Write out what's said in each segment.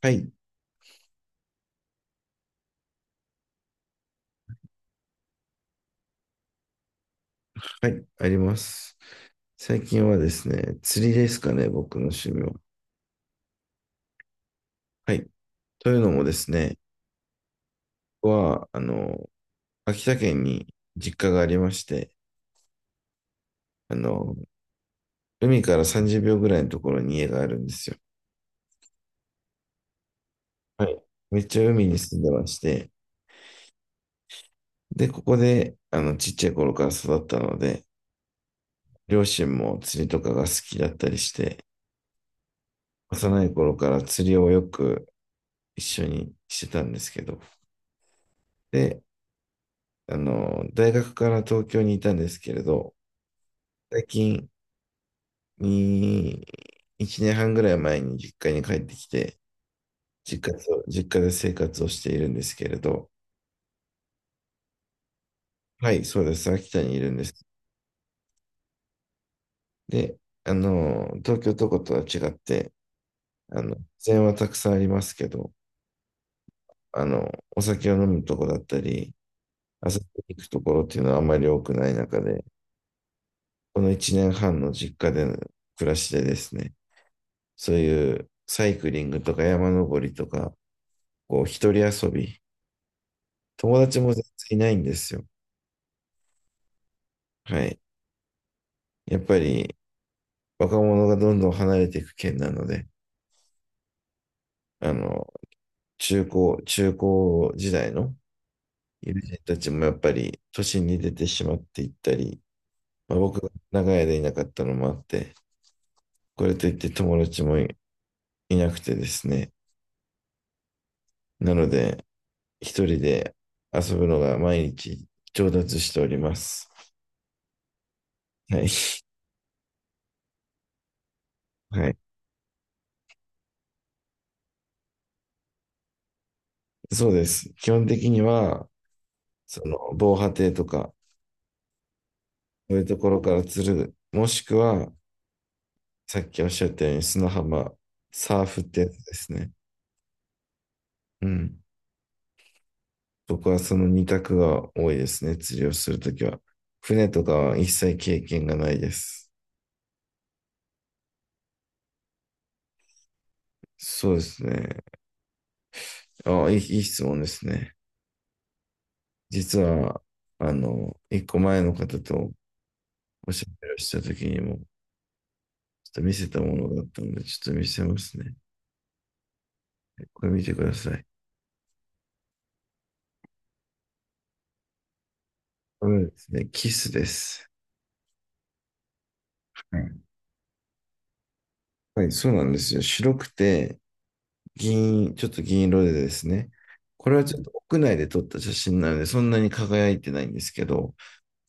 はい、はい、あります。最近はですね、釣りですかね、僕の趣味は。はい。というのもですね、僕は、秋田県に実家がありまして、あの、海から30秒ぐらいのところに家があるんですよ。はい。めっちゃ海に住んでまして、で、ここで、ちっちゃい頃から育ったので、両親も釣りとかが好きだったりして、幼い頃から釣りをよく一緒にしてたんですけど、で、大学から東京にいたんですけれど、最近に、1年半ぐらい前に実家に帰ってきて、実家で生活をしているんですけれど、はい、そうです。秋田にいるんです。で、東京とことは違って、自然はたくさんありますけど、あの、お酒を飲むとこだったり、遊びに行くところっていうのはあまり多くない中で、この1年半の実家での暮らしでですね、そういうサイクリングとか山登りとか、こう、一人遊び。友達も全然いないんですよ。はい。やっぱり、若者がどんどん離れていく県なので、あの、中高時代の友人たちもやっぱり、都心に出てしまっていったり、まあ、僕が長い間いなかったのもあって、これといって友達もい、いなくてですね。なので、一人で遊ぶのが毎日上達しております。はい。はい。そうです。基本的には、その、防波堤とか、そういうところから釣る。もしくは、さっきおっしゃったように砂浜、サーフってやつですね。うん。僕はその二択が多いですね。釣りをするときは。船とかは一切経験がないです。そうですね。いい質問ですね。実は、一個前の方とおしゃべりをしたときにも、ちょっと見せたものだったので、ちょっと見せますね。これ見てください。これですね、キスです。はい、はいそうなんですよ。白くて、ちょっと銀色でですね、これはちょっと屋内で撮った写真なので、そんなに輝いてないんですけど、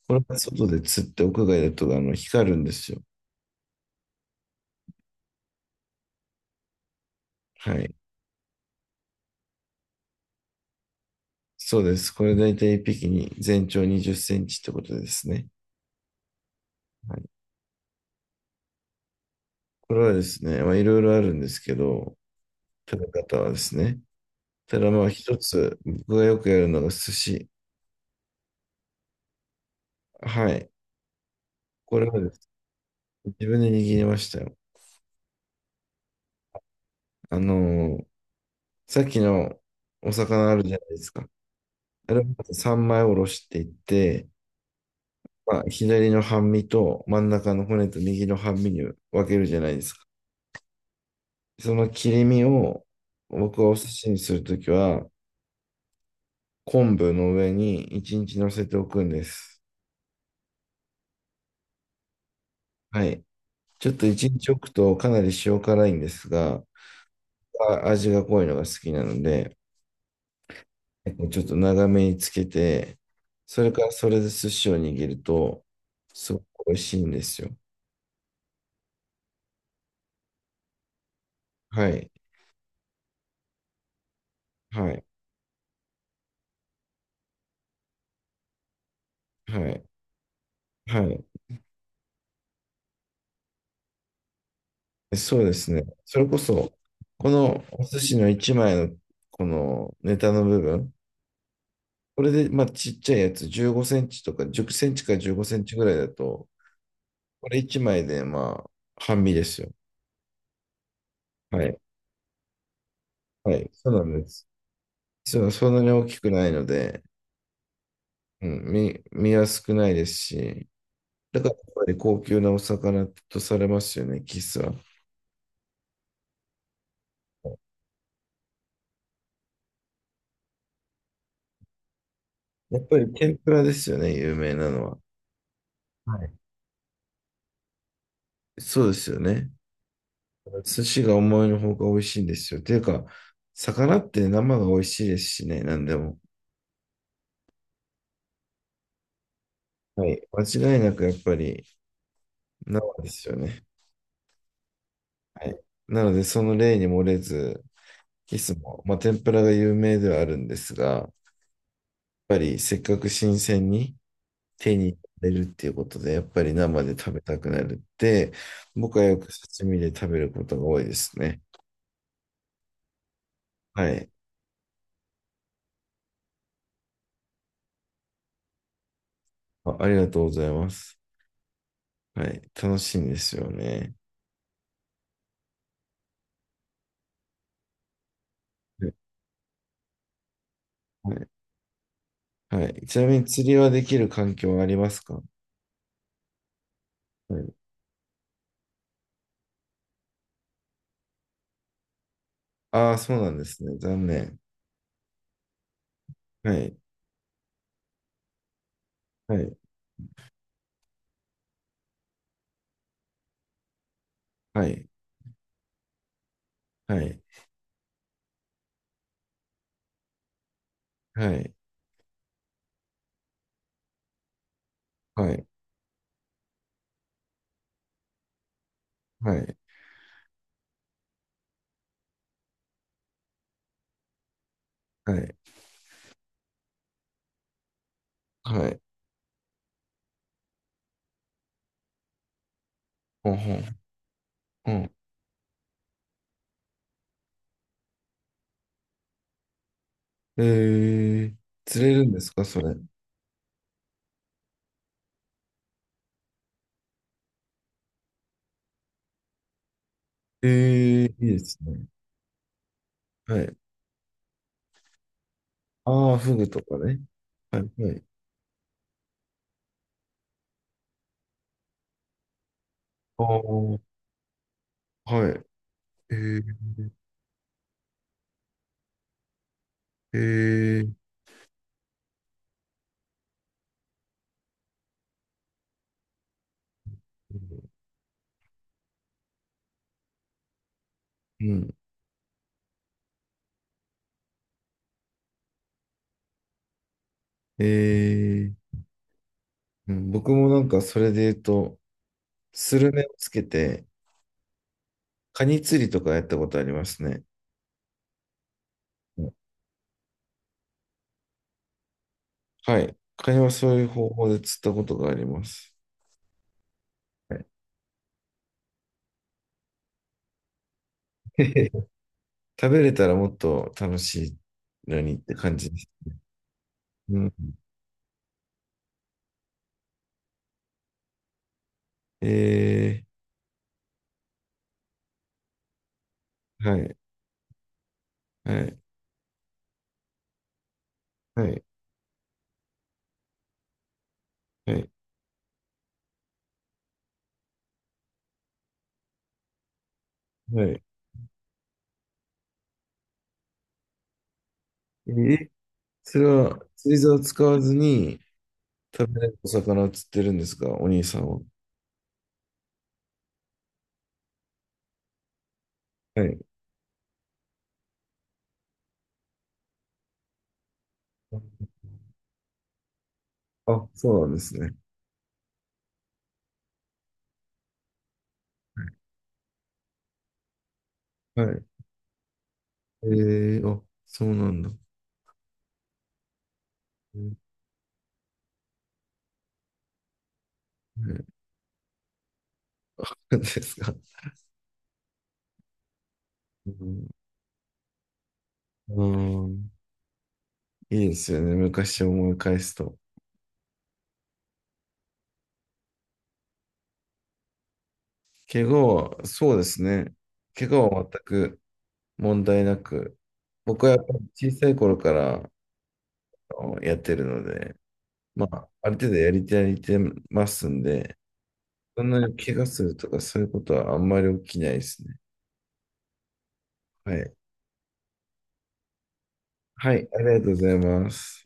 これは外で釣って屋外だとあの光るんですよ。はい。そうです。これ大体一匹に全長20センチってことですね。はい。これはですね、まあいろいろあるんですけど、食べ方はですね。ただまあ一つ、僕がよくやるのが寿司。はい。これはですね、自分で握りましたよ。あのーさっきのお魚あるじゃないですか。アルバイ3枚おろしていって、まあ、左の半身と真ん中の骨と右の半身に分けるじゃないですか。その切り身を僕はお寿司にするときは昆布の上に1日乗せておくんです。はい。ちょっと1日置くとかなり塩辛いんですが、あ味が濃いのが好きなので、ちょっと長めにつけて、それからそれで寿司を握ると、すごく美味しいんですよ。はい。はい。はい。はい。そうですね。それこそ、このお寿司の1枚のこのネタの部分、これで、まあ、ちっちゃいやつ、15センチとか、10センチから15センチぐらいだと、これ1枚で、まあ、半身ですよ。はい。はい。そうなんです。そう、そんなに大きくないので、うん、身は少ないですし、だからやっぱり高級なお魚とされますよね、キスは。やっぱり天ぷらですよね、有名なのは。はい。そうですよね。寿司が思いのほか美味しいんですよ。ていうか、魚って生が美味しいですしね、何でも。はい。間違いなくやっぱり生ですよね。はい。なので、その例に漏れず、いつも、まあ、天ぷらが有名ではあるんですが、やっぱりせっかく新鮮に手に入れるっていうことで、やっぱり生で食べたくなるって、僕はよく刺身で食べることが多いですね。はい。あ、ありがとうございます。はい。楽しいんですよね。はいはい。ちなみに釣りはできる環境はありますか？はい。ああ、そうなんですね。残念。はい。はい。はい。はい。はい。はい。はい。はい。はい。ほんほん。ほん。えー、釣れるんですかそれ？えー、いいですね。はい。ああ、フグとかね。はい。はい。ああ、はい。えー、えー、うん。えー、うん、僕もなんかそれで言うと、スルメをつけて、カニ釣りとかやったことありますね。はい。会話はそういう方法で釣ったことがあります。はい 食べれたらもっと楽しいのにって感じです。うん。えー、はい、はい、はい、はい、はい。えーそれは釣り竿を使わずに食べれるお魚を釣ってるんですか、お兄さんは？はい。あ、そうなんですね。はい。えー、あ、そうなんだ。うんはいそう ですか。うん、うんいいですよね。昔を思い返すと。怪我は、そうですね。怪我は全く問題なく、僕はやっぱり小さい頃からあのやってるので、まあ、ある程度やりてやりてますんで、そんなに怪我するとかそういうことはあんまり起きないですね。はい。はい、ありがとうございます。